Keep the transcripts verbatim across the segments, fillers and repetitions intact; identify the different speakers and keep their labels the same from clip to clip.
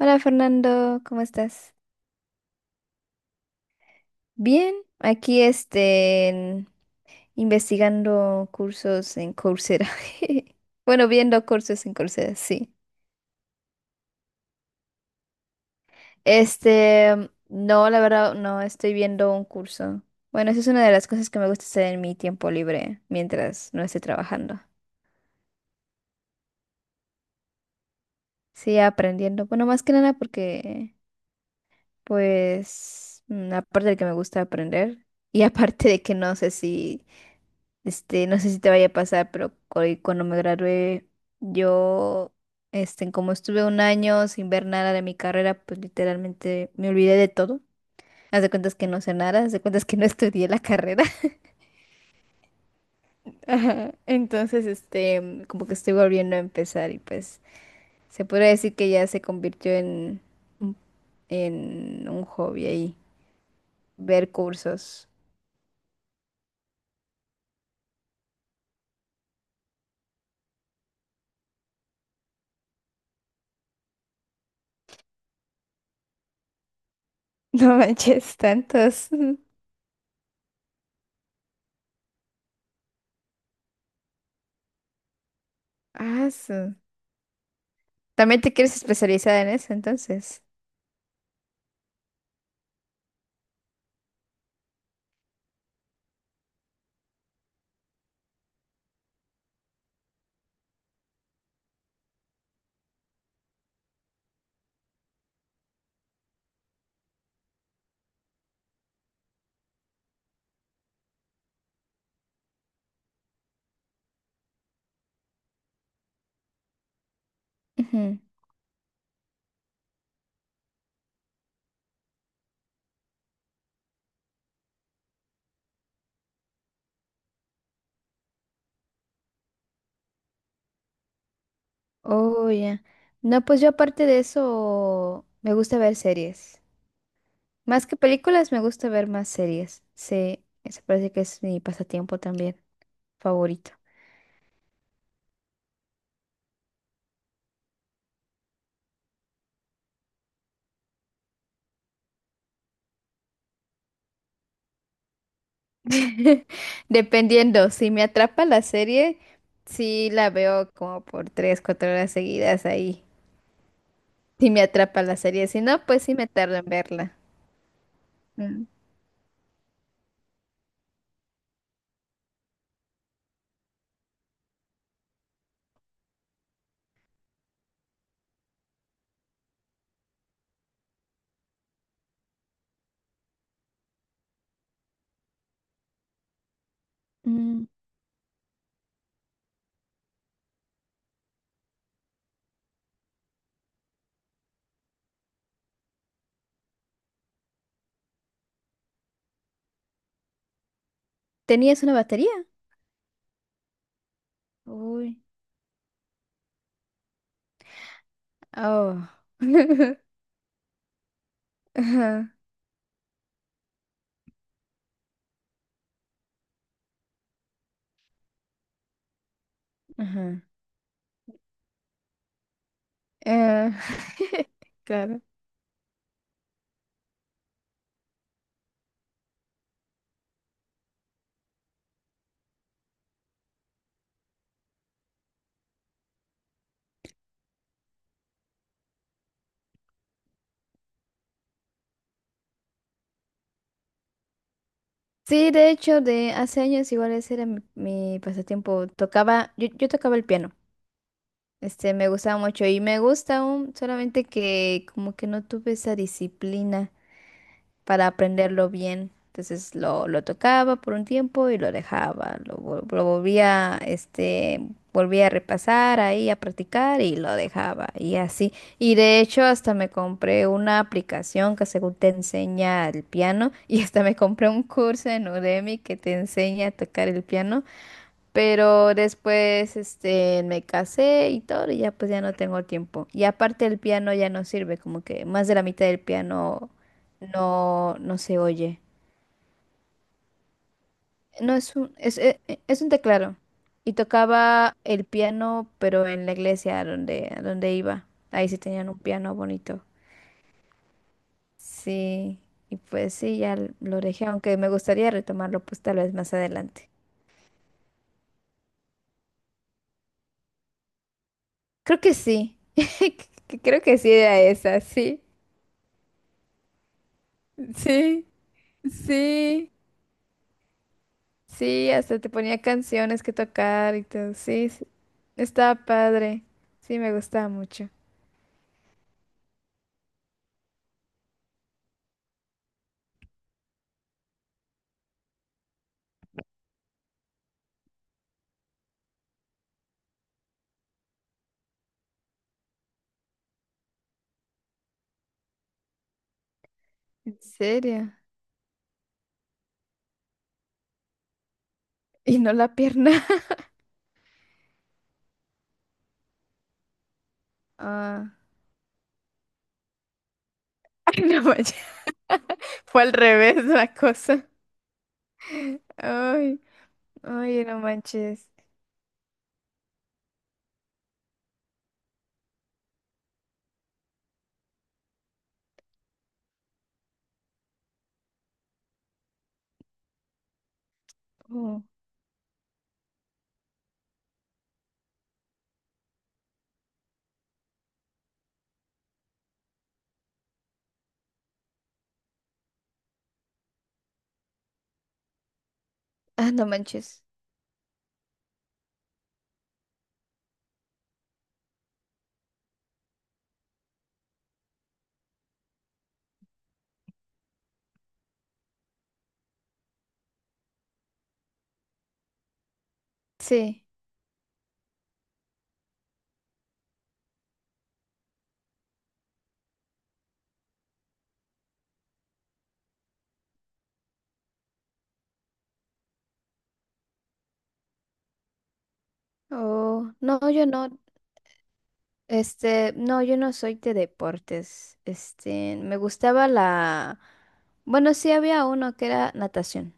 Speaker 1: Hola Fernando, ¿cómo estás? Bien, aquí este, en- investigando cursos en Coursera. Bueno, viendo cursos en Coursera, sí. Este, no, la verdad, no estoy viendo un curso. Bueno, eso es una de las cosas que me gusta hacer en mi tiempo libre, mientras no esté trabajando. Sí, aprendiendo. Bueno, más que nada porque, pues, mm, aparte de que me gusta aprender, y aparte de que no sé si Este, no sé si te vaya a pasar, pero cu- cuando me gradué, yo, este, como estuve un año sin ver nada de mi carrera, pues literalmente me olvidé de todo. Haz de cuentas que no sé nada, haz de cuentas que no estudié la carrera. Ajá. Entonces, este, como que estoy volviendo a empezar y pues se podría decir que ya se convirtió en, un- en un hobby ahí, ver cursos. No manches, tantos. Ah, su- ¿también te quieres especializar en eso entonces? Ujú. Oh, ya. No, pues yo aparte de eso, me gusta ver series. Más que películas, me gusta ver más series. Sí, eso parece que es mi pasatiempo también favorito. Dependiendo, si me atrapa la serie, sí la veo como por tres, cuatro horas seguidas ahí. Si me atrapa la serie, si no, pues sí me tardo en verla. Mm. Mm, ¿tenías una batería? Uy. Oh. Ajá. Ajá. Eh, Claro. Sí, de hecho, de hace años igual ese era mi, mi pasatiempo. Tocaba, yo, yo tocaba el piano. Este, me gustaba mucho y me gusta aún, solamente que como que no tuve esa disciplina para aprenderlo bien. Entonces lo, lo tocaba por un tiempo y lo dejaba, lo, vol- lo volvía, este, volvía a repasar ahí, a practicar y lo dejaba y así. Y de hecho hasta me compré una aplicación que según te enseña el piano y hasta me compré un curso en Udemy que te enseña a tocar el piano, pero después, este, me casé y todo, y ya pues ya no tengo tiempo. Y aparte el piano ya no sirve, como que más de la mitad del piano no, no se oye. No es un, es, e- e- es un teclado. Y tocaba el piano, pero en la iglesia a donde, a donde iba. Ahí sí tenían un piano bonito. Sí, y pues sí, ya l- lo dejé, aunque me gustaría retomarlo pues tal vez más adelante. Creo que sí. Creo que sí era esa, sí. Sí. Sí, sí, hasta te ponía canciones que tocar y todo. Sí, sí, estaba padre. Sí, me gustaba mucho. ¿En serio? ¿Y no la pierna? Ah, ay, no manches. Fue al revés la cosa. Ay, ay, no manches. Oh, ah, no manches. Sí. Oh, no, yo no. Este, no, yo no soy de deportes. Este, me gustaba la. Bueno, sí había uno que era natación.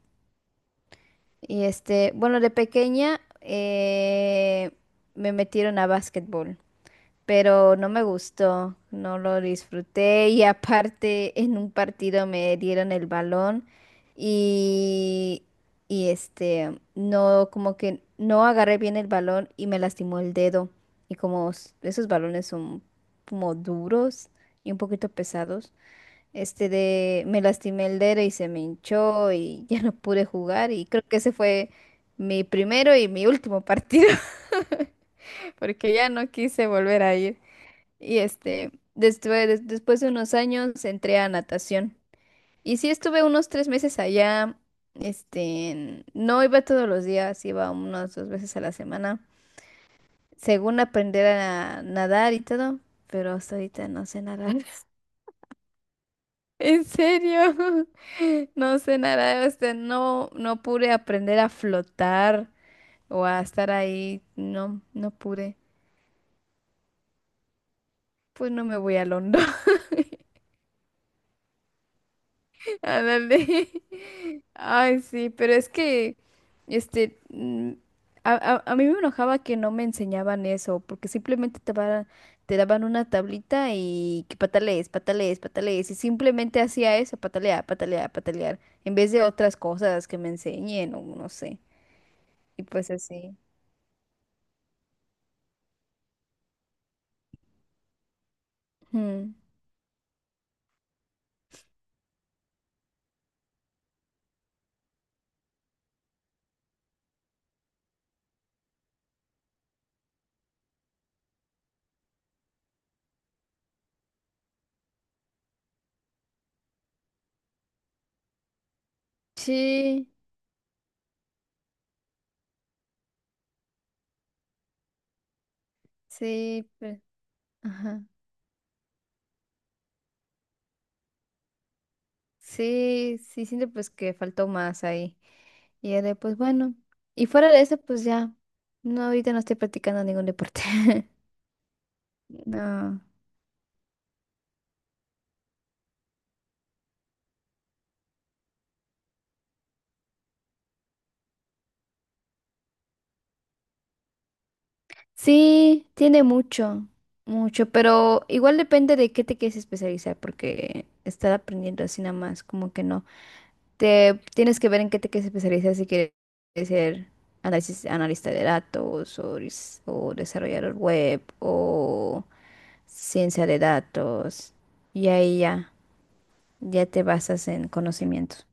Speaker 1: Y este, bueno, de pequeña eh, me metieron a básquetbol, pero no me gustó, no lo disfruté y aparte en un partido me dieron el balón y, y este, no, como que no agarré bien el balón y me lastimó el dedo. Y como s- esos balones son como duros y un poquito pesados. Este de me lastimé el dedo y se me hinchó y ya no pude jugar y creo que ese fue mi primero y mi último partido porque ya no quise volver a ir. Y este, después, des- después de unos años entré a natación y sí estuve unos tres meses allá. Este, en- no iba todos los días, iba unas dos veces a la semana, según aprender a nadar y todo, pero hasta ahorita no sé nadar. ¿En serio? No sé nada, este, no, no pude aprender a flotar o a estar ahí. No, no pude. Pues no me voy al hondo. Ándale. Ay, sí, pero es que, este, mm, a, a- a mí me enojaba que no me enseñaban eso, porque simplemente te daban, te daban una tablita y que patalees, patalees, patalees, y simplemente hacía eso, patalear, patalear, patalear, en vez de otras cosas que me enseñen o no sé. Y pues así. Mm. Sí, sí, pues, ajá. Sí, sí, siento pues que faltó más ahí. Y ya de, pues bueno. Y fuera de eso, pues ya. No, ahorita no estoy practicando ningún deporte. No. Sí, tiene mucho, mucho, pero igual depende de qué te quieres especializar, porque estar aprendiendo así nada más, como que no. Te tienes que ver en qué te quieres especializar si quieres ser análisis- analista de datos o, res- o desarrollador web o ciencia de datos. Y ahí ya, ya te basas en conocimientos.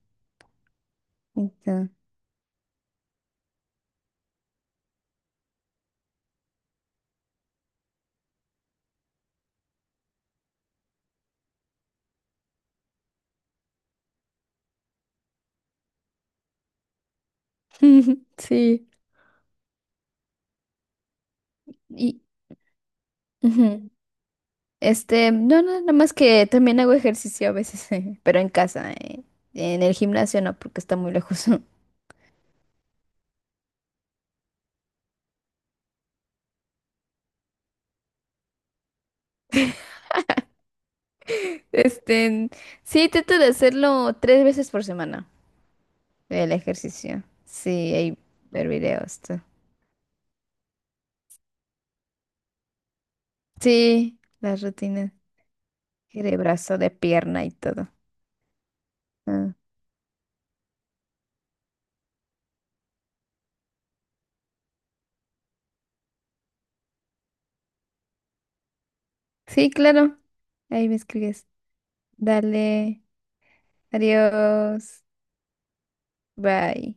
Speaker 1: Entonces, sí. Y ujú, este, no, no, nada más que también hago ejercicio a veces, pero en casa, eh, en el gimnasio no, porque está muy lejos. Este, sí, trato de hacerlo tres veces por semana. El ejercicio. Sí, hay ver videos. Tú. Sí, las rutinas. De brazo, de pierna y todo. Ah, sí, claro. Ahí me escribes. Dale. Adiós. Bye.